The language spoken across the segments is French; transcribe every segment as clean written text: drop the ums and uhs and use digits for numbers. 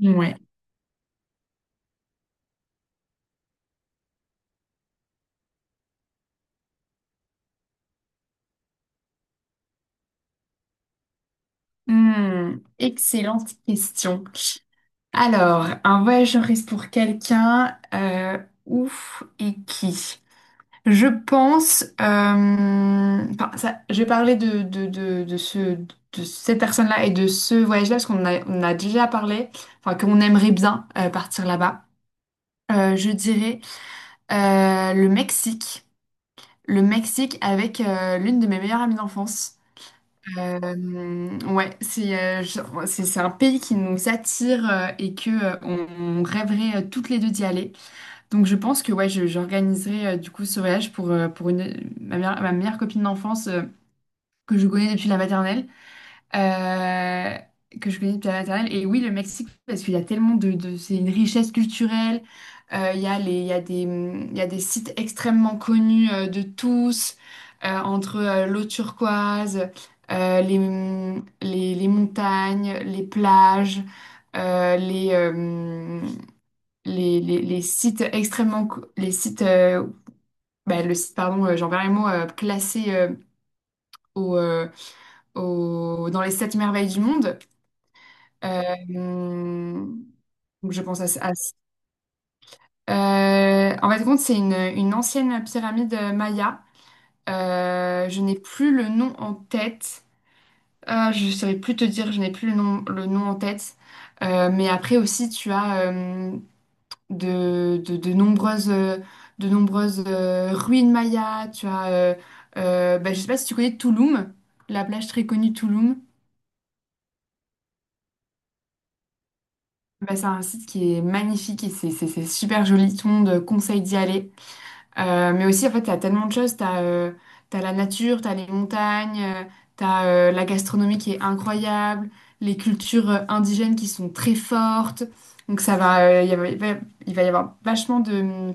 Ouais. Hmm, excellente question. Alors, un voyageur risque pour quelqu'un, ouf et qui? Je pense, enfin, ça, je vais parler de ce, de cette personne-là et de ce voyage-là parce qu'on a, on a déjà parlé, enfin, qu'on aimerait bien partir là-bas. Je dirais le Mexique. Le Mexique avec l'une de mes meilleures amies d'enfance. Ouais, c'est c'est un pays qui nous attire et que on rêverait toutes les deux d'y aller. Donc je pense que j'organiserai du coup ce voyage pour une ma meilleure copine d'enfance que je connais depuis euh, la maternelle. Et oui, le Mexique, parce qu'il y a tellement c'est une richesse culturelle. Il y a il y a il y a des sites extrêmement connus de tous, entre l'eau turquoise, les, les montagnes, les plages, euh, les, euh, les sites extrêmement, co- les sites, bah, le site, pardon, j'en perds les mots, classé au, euh, dans les sept merveilles du monde. Euh, je pense à ça. En fait, c'est une ancienne pyramide maya. Je n'ai plus le nom en tête. Ah, je ne saurais plus te dire, je n'ai plus le nom en tête. Mais après aussi, tu as de nombreuses, ruines mayas. Je ne sais pas si tu connais Tulum, la plage très connue Tulum. Bah, c'est un site qui est magnifique et c'est super joli. Tout le monde conseille d'y aller. Mais aussi, en fait, t'as tellement de choses. T'as la nature, t'as les montagnes, t'as la gastronomie qui est incroyable, les cultures indigènes qui sont très fortes. Donc ça va, il y a- il va y avoir vachement de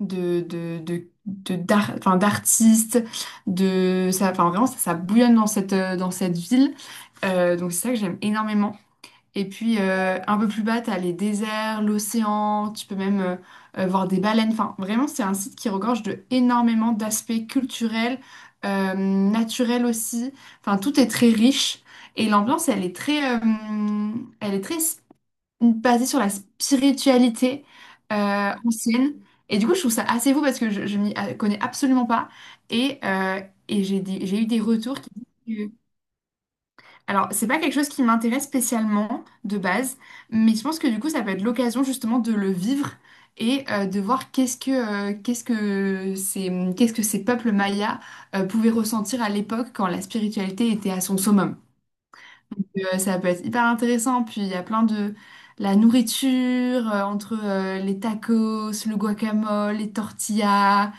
de de de, de- d'ar- enfin, d'artistes, de ça, enfin vraiment ça bouillonne dans cette ville. Donc c'est ça que j'aime énormément. Et puis un peu plus bas, t'as les déserts, l'océan, tu peux même voir des baleines. Enfin, vraiment, c'est un site qui regorge de énormément d'aspects culturels, naturels aussi. Enfin, tout est très riche et l'ambiance, elle est basée sur la spiritualité ancienne. Et du coup, je trouve ça assez fou parce que je m'y connais absolument pas et, et j'ai eu des retours qui disent alors, c'est pas quelque chose qui m'intéresse spécialement de base, mais je pense que du coup, ça peut être l'occasion justement de le vivre et de voir qu'est-ce que ces peuples mayas pouvaient ressentir à l'époque quand la spiritualité était à son summum. Euh, ça peut être hyper intéressant. Puis il y a plein de la nourriture entre les tacos, le guacamole, les tortillas.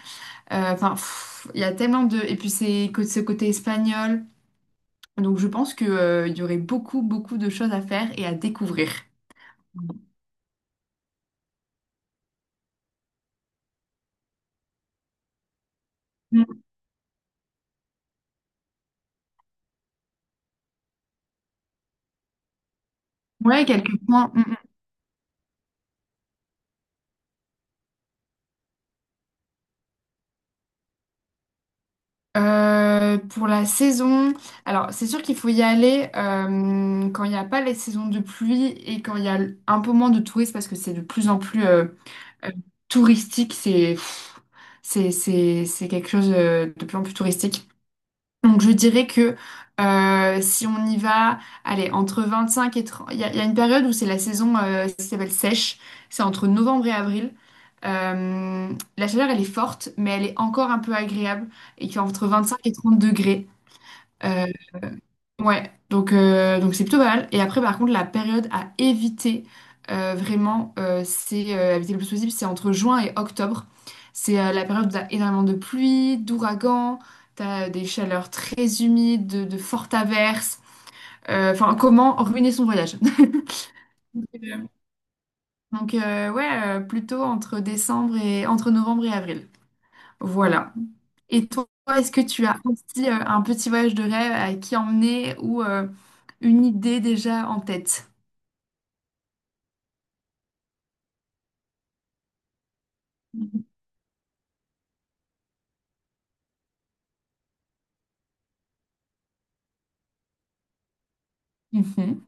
Euh, enfin, pff, il y a tellement de et puis ce côté espagnol. Donc je pense que, il y aurait beaucoup, beaucoup de choses à faire et à découvrir. Mm. Ouais, quelques points. Mm, mm. Pour la saison, alors c'est sûr qu'il faut y aller quand il n'y a pas les saisons de pluie et quand il y a un peu moins de touristes parce que c'est de plus en plus euh, touristique. C'est quelque chose de plus en plus touristique. Donc je dirais que si on y va, allez, entre 25 et 30, il y a une période où c'est la saison qui s'appelle sèche, c'est entre novembre et avril. Euh, la chaleur, elle est forte, mais elle est encore un peu agréable, et qui est entre 25 et 30 degrés. Euh, Ouais, donc c'est plutôt pas mal. Et après, par contre, la période à éviter vraiment, c'est éviter le plus possible, c'est entre juin et octobre. C'est la période où t'as énormément de pluie, d'ouragans, t'as des chaleurs très humides, de fortes averses. Enfin, comment ruiner son voyage? Donc plutôt entre novembre et avril. Voilà. Et toi, est-ce que tu as aussi un petit voyage de rêve à qui emmener ou une idée déjà en tête? Mhm.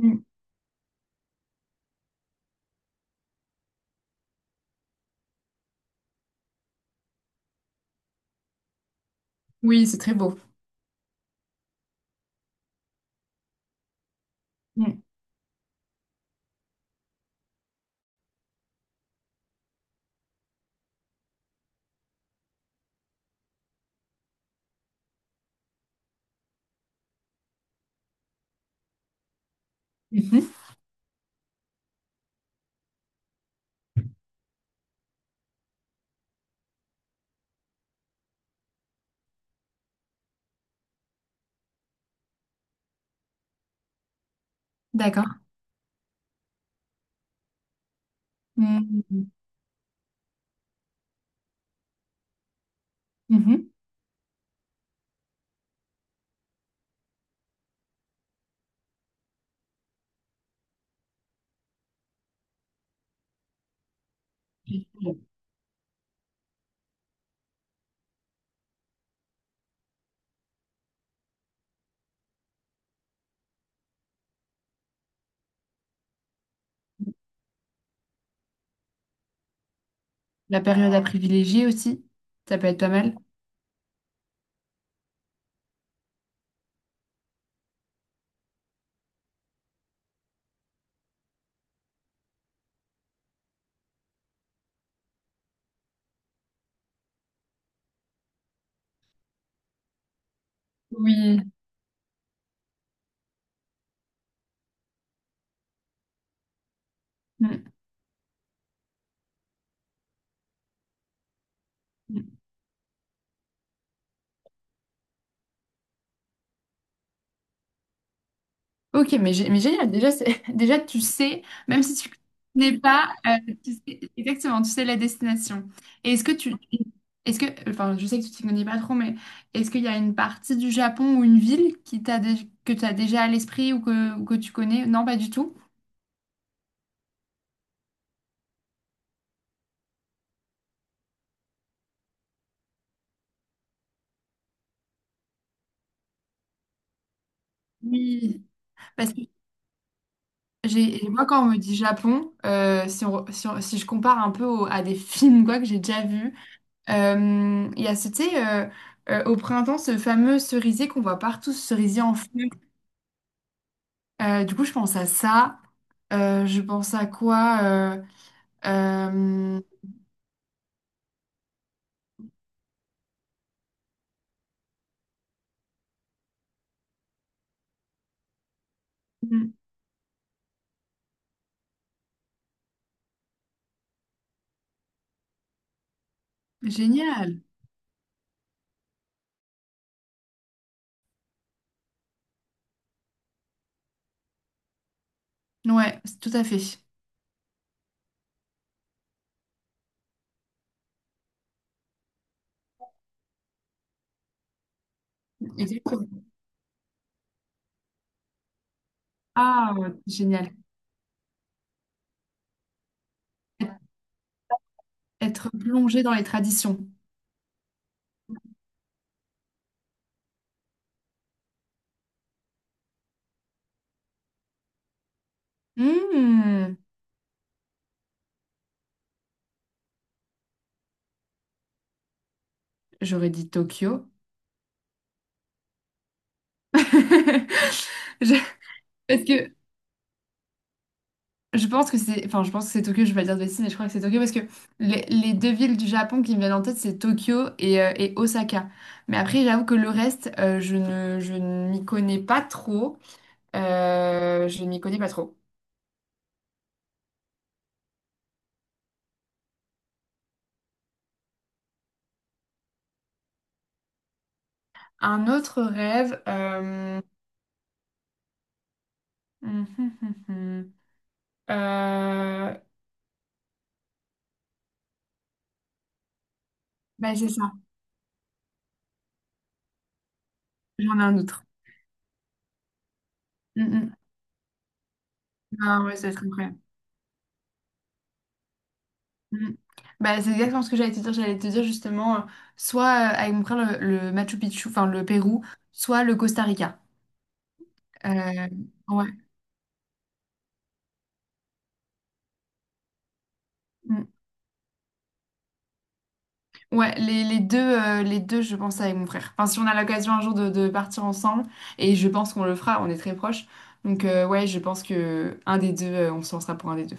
Mm. Oui, c'est très beau. Mm. Mhm. D'accord. Mm. Mhm. La période à privilégier aussi, ça peut être pas mal. Oui. Mm. Ok, mais, mais génial. Déjà, c'est- déjà, tu sais, même si tu n'es pas, tu sais- exactement, tu sais la destination. Et est-ce que, enfin, je sais que tu t'y connais pas trop, mais est-ce qu'il y a une partie du Japon ou une ville qui que tu as déjà à l'esprit ou ou que tu connais? Non, pas du tout. Oui, parce que j'ai, moi, quand on me dit Japon, si je compare un peu à des films quoi, que j'ai déjà vus, il y a, tu sais, au printemps, ce fameux cerisier qu'on voit partout, ce cerisier en fleurs. Du coup, je pense à ça. Je pense à quoi? Euh, hmm. Génial. Ouais, c'est tout à fait. Exactement. Ah, ouais, génial. Être plongé dans les traditions. Hmm. J'aurais dit Tokyo. Je- Parce que je pense que c'est, enfin, je pense que c'est Tokyo. Je vais pas dire de bêtises, mais je crois que c'est Tokyo parce que les deux villes du Japon qui me viennent en tête, c'est Tokyo et Osaka. Mais après, j'avoue que le reste, je ne m'y connais pas trop. Je m'y connais pas trop. Un autre rêve. Hum, hum, hum, hum. Euh, Bah, c'est ça. J'en ai un autre. Hum, hum. Ah ouais, ça va être incroyable. Hum. Bah, c'est exactement ce que j'allais te dire. J'allais te dire justement, soit avec mon frère le Machu Picchu, enfin le Pérou, soit le Costa Rica. Euh, ouais. Mm. Ouais, les deux, je pense avec mon frère. Enfin, si on a l'occasion un jour de partir ensemble, et je pense qu'on le fera, on est très proches. Donc, ouais, je pense que un des deux, on se lancera pour un des deux.